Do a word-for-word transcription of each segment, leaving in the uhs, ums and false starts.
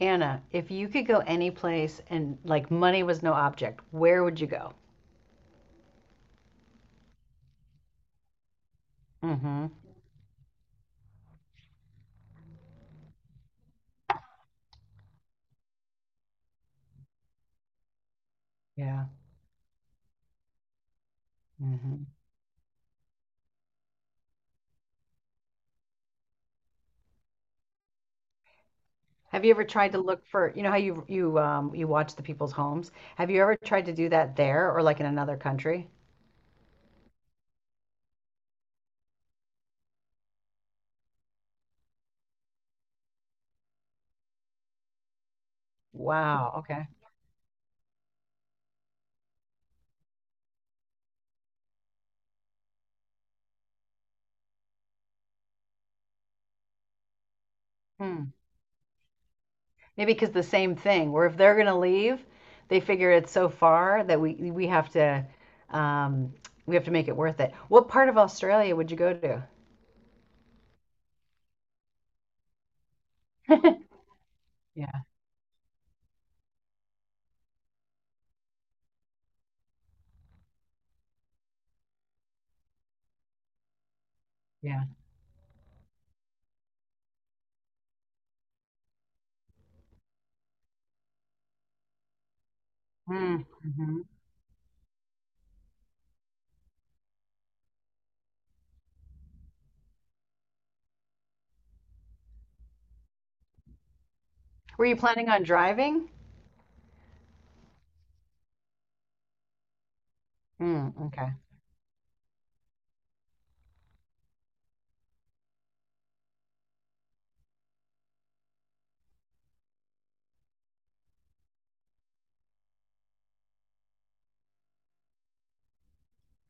Anna, if you could go any place and like money was no object, where would you go? Mm-hmm. Yeah. Mm-hmm. Have you ever tried to look for, you know how you you um you watch the people's homes? Have you ever tried to do that there or like in another country? Wow, okay. Hmm. Maybe because the same thing, where if they're gonna leave, they figure it's so far that we we have to um we have to make it worth it. What part of Australia would you go to? Yeah. Yeah. Mm-hmm. Were you planning on driving? Mm, okay.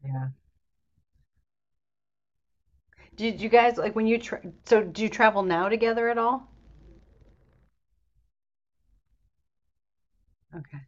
Yeah. Did you guys like when you tra so do you travel now together at all? Okay.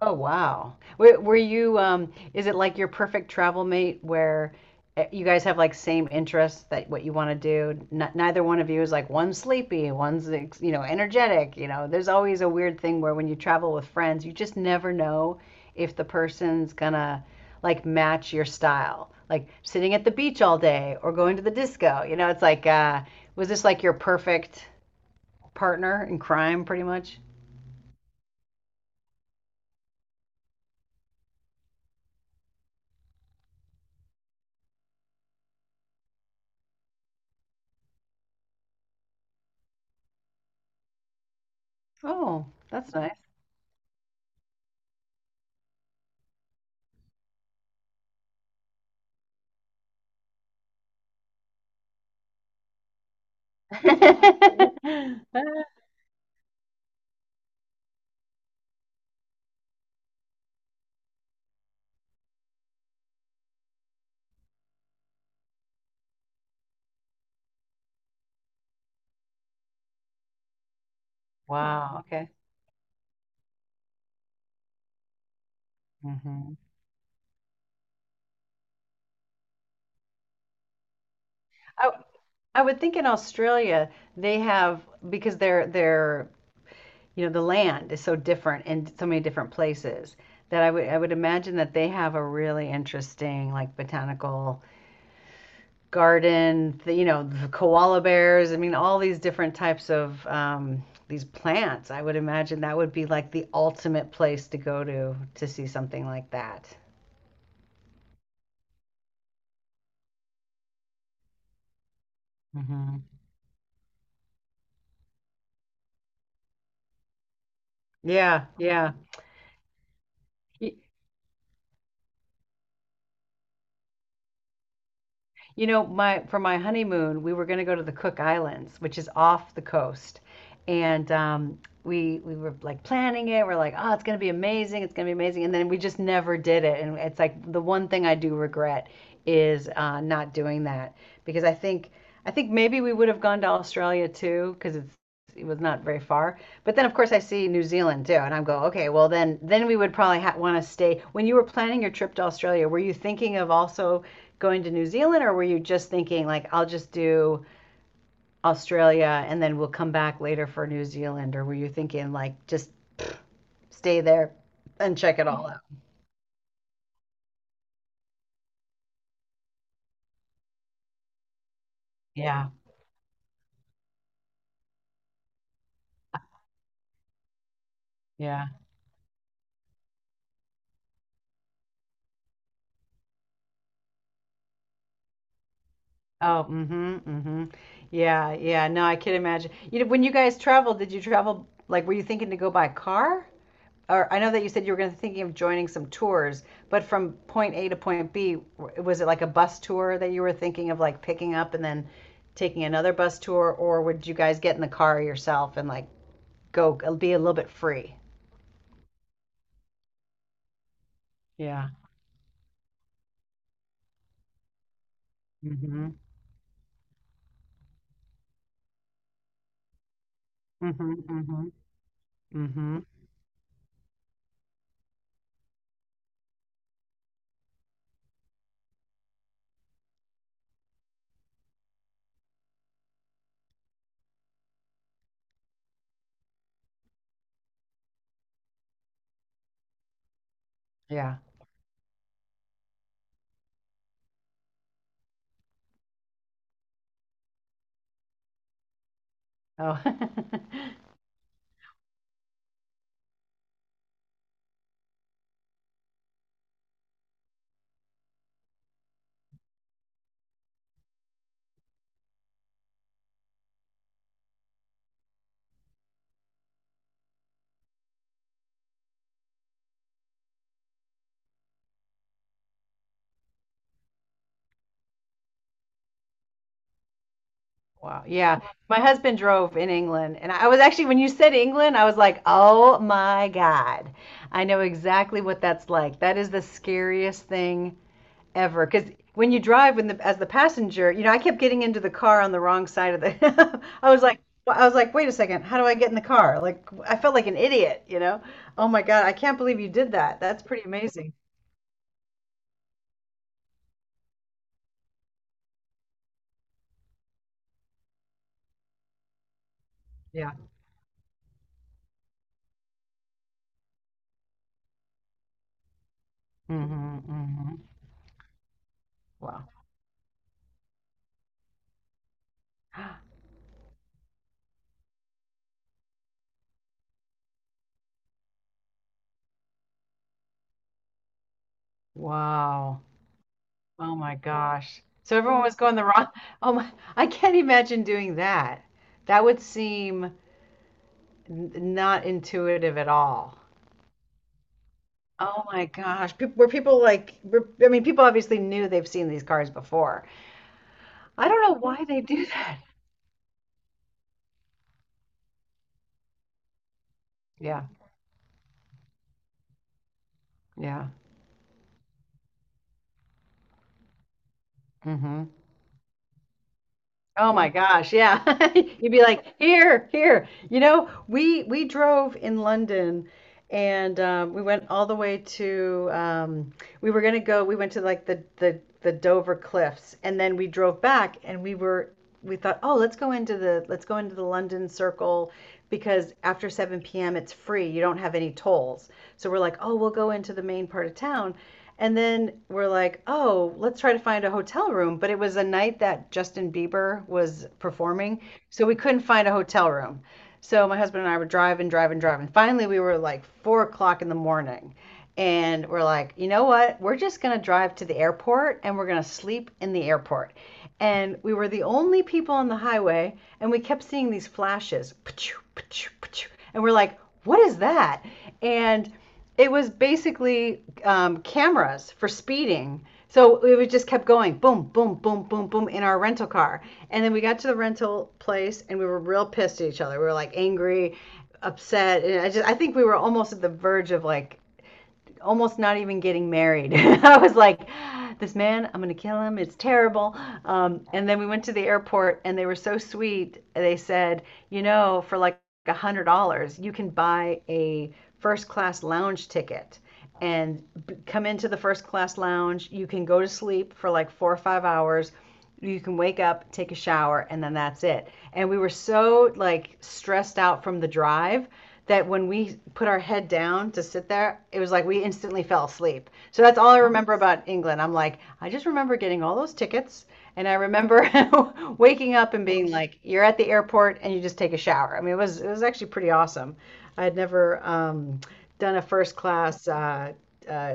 Oh wow. Were, were you um is it like your perfect travel mate where eh, you guys have like same interests that what you want to do? N Neither one of you is like one's sleepy, one's ex- you know, energetic, you know. There's always a weird thing where when you travel with friends, you just never know if the person's gonna like match your style. Like sitting at the beach all day or going to the disco. You know, it's like uh was this like your perfect partner in crime, pretty much. Oh, that's nice. Wow, okay. Mhm. I I would think in Australia they have because they're they're you know the land is so different in so many different places that I would I would imagine that they have a really interesting like botanical garden, the, you know, the koala bears. I mean, all these different types of um, these plants. I would imagine that would be like the ultimate place to go to to see something like that. Hmm. Yeah, yeah. Y- You know, my for my honeymoon, we were going to go to the Cook Islands, which is off the coast. And um, we we were like planning it. We're like, "Oh, it's going to be amazing. It's going to be amazing." And then we just never did it. And it's like the one thing I do regret is uh, not doing that because I think I think maybe we would have gone to Australia too because it's it was not very far. But then of course I see New Zealand too, and I'm go okay, well then then we would probably ha- want to stay. When you were planning your trip to Australia, were you thinking of also going to New Zealand, or were you just thinking like I'll just do Australia and then we'll come back later for New Zealand, or were you thinking like just stay there and check it all out? Yeah, yeah. Oh, mm-hmm, mm-hmm. Yeah, yeah. No, I can imagine. You know, when you guys traveled, did you travel like were you thinking to go by car? Or I know that you said you were going to thinking of joining some tours, but from point A to point B, was it like a bus tour that you were thinking of like picking up and then taking another bus tour, or would you guys get in the car yourself and like go uh, be a little bit free? Yeah. Mm-hmm. Mm-hmm. Mm-hmm. Mm-hmm. Yeah. Oh. Wow. Yeah. My husband drove in England, and I was actually, when you said England, I was like, oh my God. I know exactly what that's like. That is the scariest thing ever because when you drive when the as the passenger, you know, I kept getting into the car on the wrong side of the I was like, I was like wait a second, how do I get in the car, like I felt like an idiot, you know. Oh my God, I can't believe you did that. That's pretty amazing. Yeah. Mm-hmm, hmm. Wow. Wow. Oh my gosh, so everyone was going the wrong oh my. I can't imagine doing that. That would seem n- not intuitive at all. Oh my gosh. Peop Were people like, were, I mean, people obviously knew they've seen these cars before. I don't know why they do that. Yeah, yeah. Hmm. Oh my gosh, yeah. You'd be like, here, here. You know, we we drove in London and um, we went all the way to um, we were gonna go, we went to like the, the the Dover Cliffs and then we drove back and we were we thought, oh, let's go into the let's go into the London Circle because after seven p m it's free. You don't have any tolls. So we're like, oh, we'll go into the main part of town. And then we're like, oh, let's try to find a hotel room. But it was a night that Justin Bieber was performing. So we couldn't find a hotel room. So my husband and I were driving, driving, driving. Finally, we were like four o'clock in the morning and we're like, you know what? We're just going to drive to the airport and we're going to sleep in the airport. And we were the only people on the highway, and we kept seeing these flashes. And we're like, what is that? And it was basically um, cameras for speeding. So we just kept going, boom, boom, boom, boom, boom, in our rental car. And then we got to the rental place, and we were real pissed at each other. We were like angry, upset. And I just, I think we were almost at the verge of like almost not even getting married. I was like, this man, I'm going to kill him. It's terrible. Um, and then we went to the airport and they were so sweet. They said, you know, for like a $100, you can buy a first class lounge ticket and come into the first class lounge. You can go to sleep for like four or five hours, you can wake up, take a shower, and then that's it. And we were so like stressed out from the drive that when we put our head down to sit there, it was like we instantly fell asleep. So that's all I remember about England. I'm like, I just remember getting all those tickets. And I remember waking up and being like, you're at the airport and you just take a shower. I mean, it was it was actually pretty awesome. I had never um, done a first class uh, uh,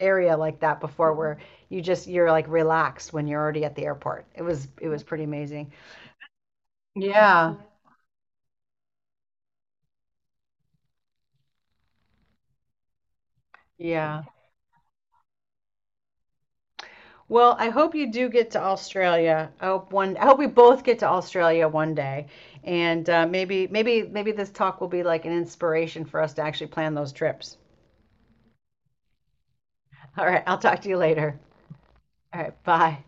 area like that before, where you just you're like relaxed when you're already at the airport. It was it was pretty amazing. Yeah. Yeah. Well, I hope you do get to Australia. I hope one. I hope we both get to Australia one day, and uh, maybe maybe maybe this talk will be like an inspiration for us to actually plan those trips. All right, I'll talk to you later. All right, bye.